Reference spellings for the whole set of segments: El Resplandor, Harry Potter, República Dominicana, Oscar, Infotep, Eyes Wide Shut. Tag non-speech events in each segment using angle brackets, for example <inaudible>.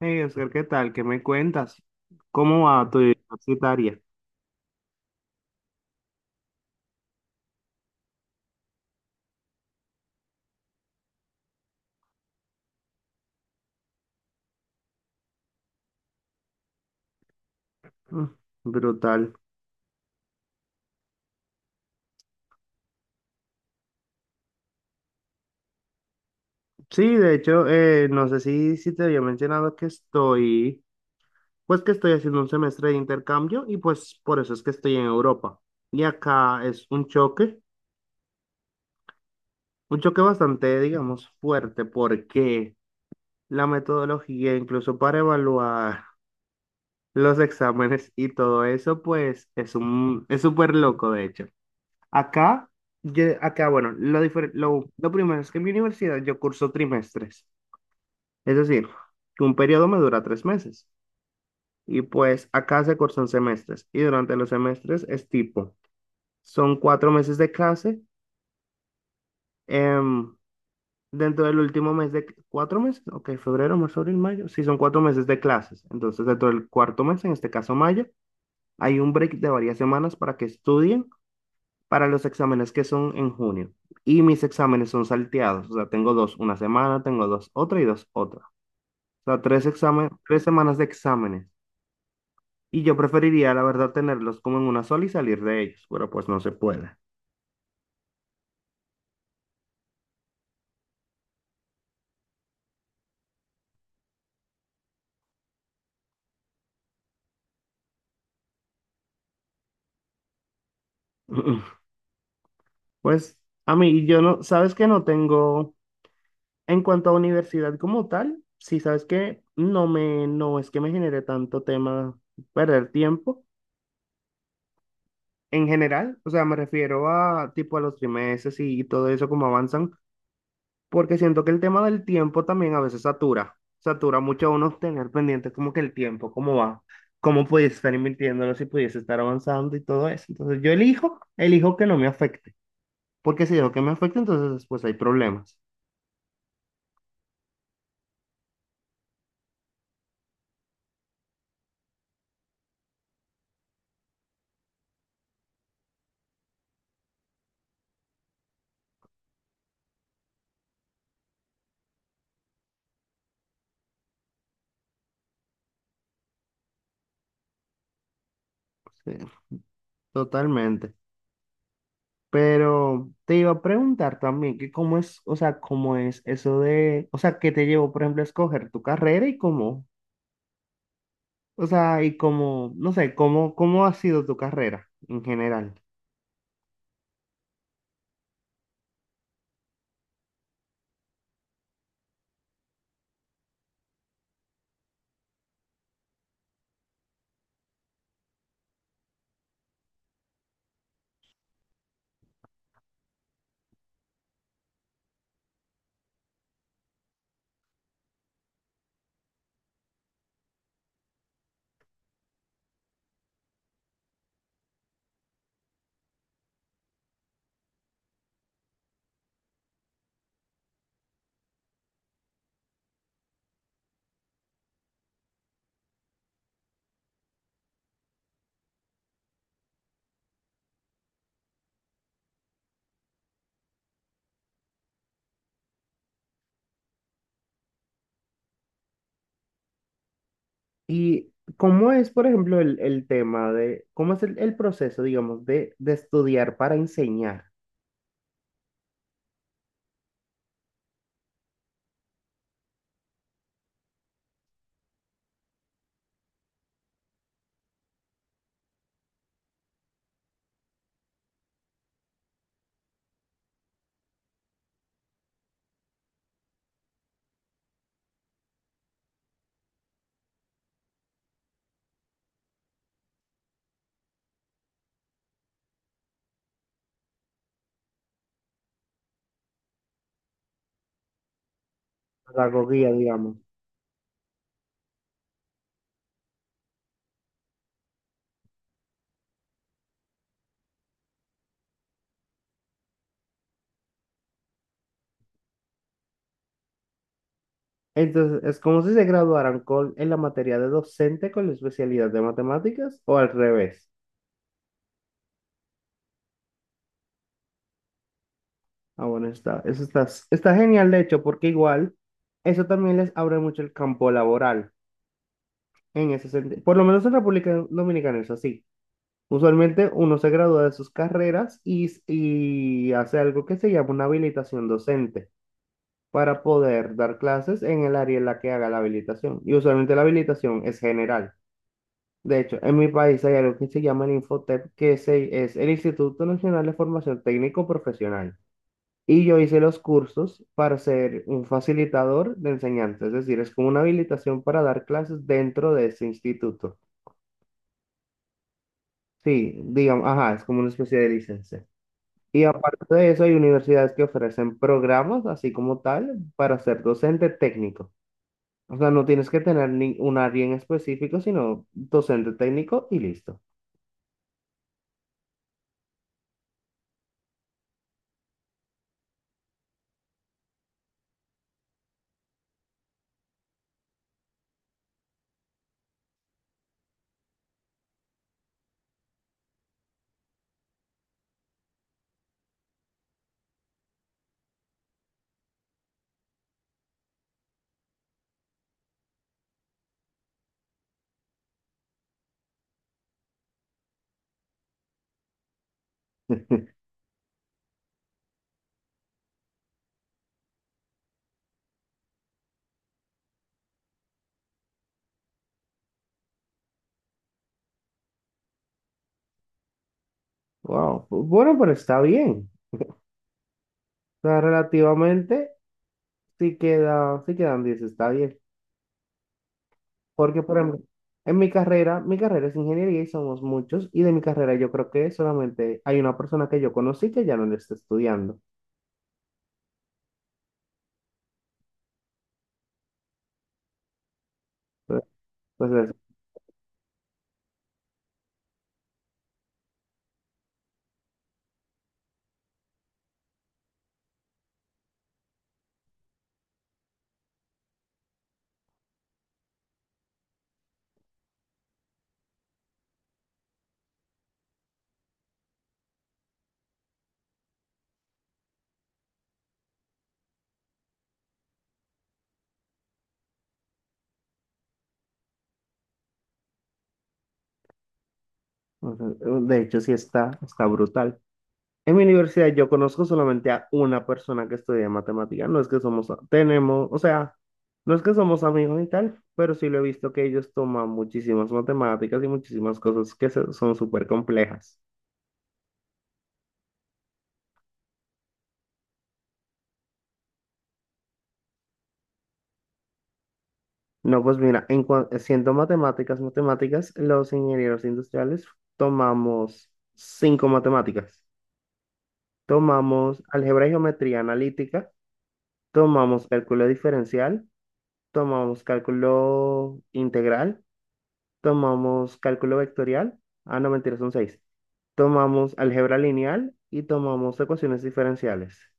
Hey, Oscar, ¿qué tal? ¿Qué me cuentas? ¿Cómo va tu vida universitaria? Mm, brutal. Sí, de hecho, no sé si te había mencionado que pues que estoy haciendo un semestre de intercambio y pues por eso es que estoy en Europa. Y acá es un choque bastante, digamos, fuerte porque la metodología, incluso para evaluar los exámenes y todo eso, pues es es súper loco, de hecho. Acá, acá, bueno, lo primero es que en mi universidad yo curso trimestres, es decir, que un periodo me dura 3 meses. Y pues acá se cursan semestres y durante los semestres es tipo, son 4 meses de clase, em, dentro del último mes de, ¿4 meses? Ok, febrero, marzo, abril, mayo, sí, son 4 meses de clases. Entonces, dentro del cuarto mes, en este caso mayo, hay un break de varias semanas para que estudien para los exámenes que son en junio. Y mis exámenes son salteados. O sea, tengo dos una semana, tengo dos otra y dos otra. O sea, tres exámenes, 3 semanas de exámenes. Y yo preferiría, la verdad, tenerlos como en una sola y salir de ellos, pero pues no se puede. <laughs> Pues a mí, yo no, sabes que no tengo, en cuanto a universidad como tal, sí, sabes que no me, no es que me genere tanto tema perder tiempo en general, o sea, me refiero a tipo a los trimestres y todo eso como avanzan. Porque siento que el tema del tiempo también a veces satura, satura mucho a uno tener pendiente como que el tiempo, cómo va, cómo pudiese estar invirtiéndolo, si pudiese estar avanzando y todo eso. Entonces yo elijo que no me afecte, porque si dejo que me afecte, entonces después hay problemas. Sí, totalmente. Pero te iba a preguntar también que cómo es, o sea, cómo es eso de, o sea, qué te llevó, por ejemplo, a escoger tu carrera y cómo, o sea, y cómo, no sé, cómo ha sido tu carrera en general. ¿Y cómo es, por ejemplo, el tema de, cómo es el proceso, digamos, de estudiar para enseñar pedagogía, digamos? Entonces, ¿es como si se graduaran con, en la materia de docente con la especialidad de matemáticas o al revés? Ah, bueno, está, eso está, está genial, de hecho, porque igual eso también les abre mucho el campo laboral en ese sentido. Por lo menos en República Dominicana es así. Usualmente uno se gradúa de sus carreras y hace algo que se llama una habilitación docente, para poder dar clases en el área en la que haga la habilitación. Y usualmente la habilitación es general. De hecho, en mi país hay algo que se llama el Infotep, es el Instituto Nacional de Formación Técnico Profesional. Y yo hice los cursos para ser un facilitador de enseñanza, es decir, es como una habilitación para dar clases dentro de ese instituto. Sí, digamos, ajá, es como una especie de licencia. Y aparte de eso, hay universidades que ofrecen programas, así como tal, para ser docente técnico. O sea, no tienes que tener ni un área en específico, sino docente técnico y listo. <laughs> Wow. Bueno, pero está bien. O sea, relativamente sí queda, sí quedan 10, está bien. Porque, por ejemplo, en mi carrera es ingeniería y somos muchos, y de mi carrera yo creo que solamente hay una persona que yo conocí que ya no le está estudiando. Pues, pues, es- pues, de hecho, sí está, está brutal. En mi universidad yo conozco solamente a una persona que estudia matemáticas. No es que somos, tenemos, o sea, no es que somos amigos y tal, pero sí lo he visto que ellos toman muchísimas matemáticas y muchísimas cosas son súper complejas. No, pues mira, siendo matemáticas, matemáticas, los ingenieros industriales tomamos cinco matemáticas. Tomamos álgebra y geometría analítica, tomamos cálculo diferencial, tomamos cálculo integral, tomamos cálculo vectorial, ah, no, mentira, son seis. Tomamos álgebra lineal y tomamos ecuaciones diferenciales.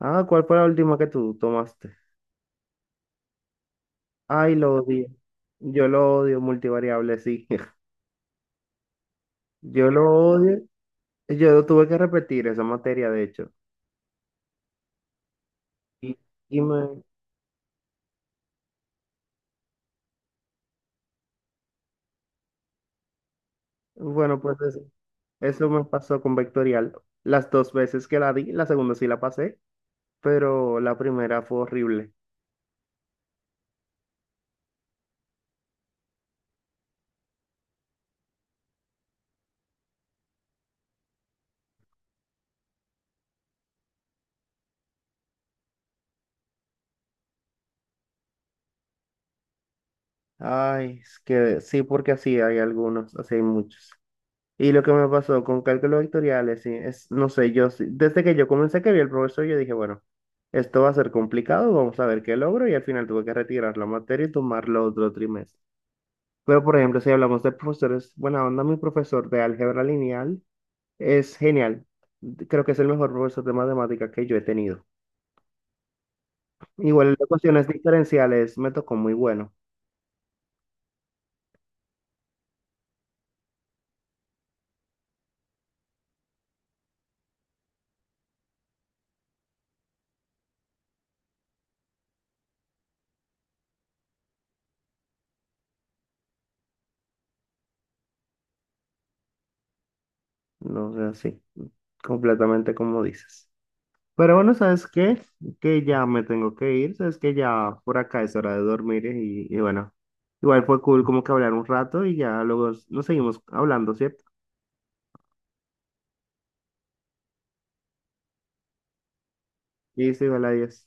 Ah, ¿cuál fue la última que tú tomaste? Ay, lo odio. Yo lo odio, multivariable, sí. <laughs> Yo lo odio. Yo tuve que repetir esa materia, de hecho. Y, y me, bueno, pues eso me pasó con vectorial. Las dos veces que la di, la segunda sí la pasé, pero la primera fue horrible. Ay, es que sí, porque así hay algunos, así hay muchos. Y lo que me pasó con cálculos vectoriales, sí, es, no sé, yo, desde que yo comencé que vi el profesor, yo dije, bueno, esto va a ser complicado, vamos a ver qué logro, y al final tuve que retirar la materia y tomarlo otro trimestre. Pero, por ejemplo, si hablamos de profesores, buena onda, mi profesor de álgebra lineal es genial. Creo que es el mejor profesor de matemática que yo he tenido. Igual en las ecuaciones diferenciales me tocó muy bueno, no sé, así, completamente como dices. Pero bueno, ¿sabes qué? Que ya me tengo que ir, ¿sabes? Que ya por acá es hora de dormir y bueno, igual fue cool como que hablar un rato y ya luego nos seguimos hablando, ¿cierto? Listo, igual, adiós.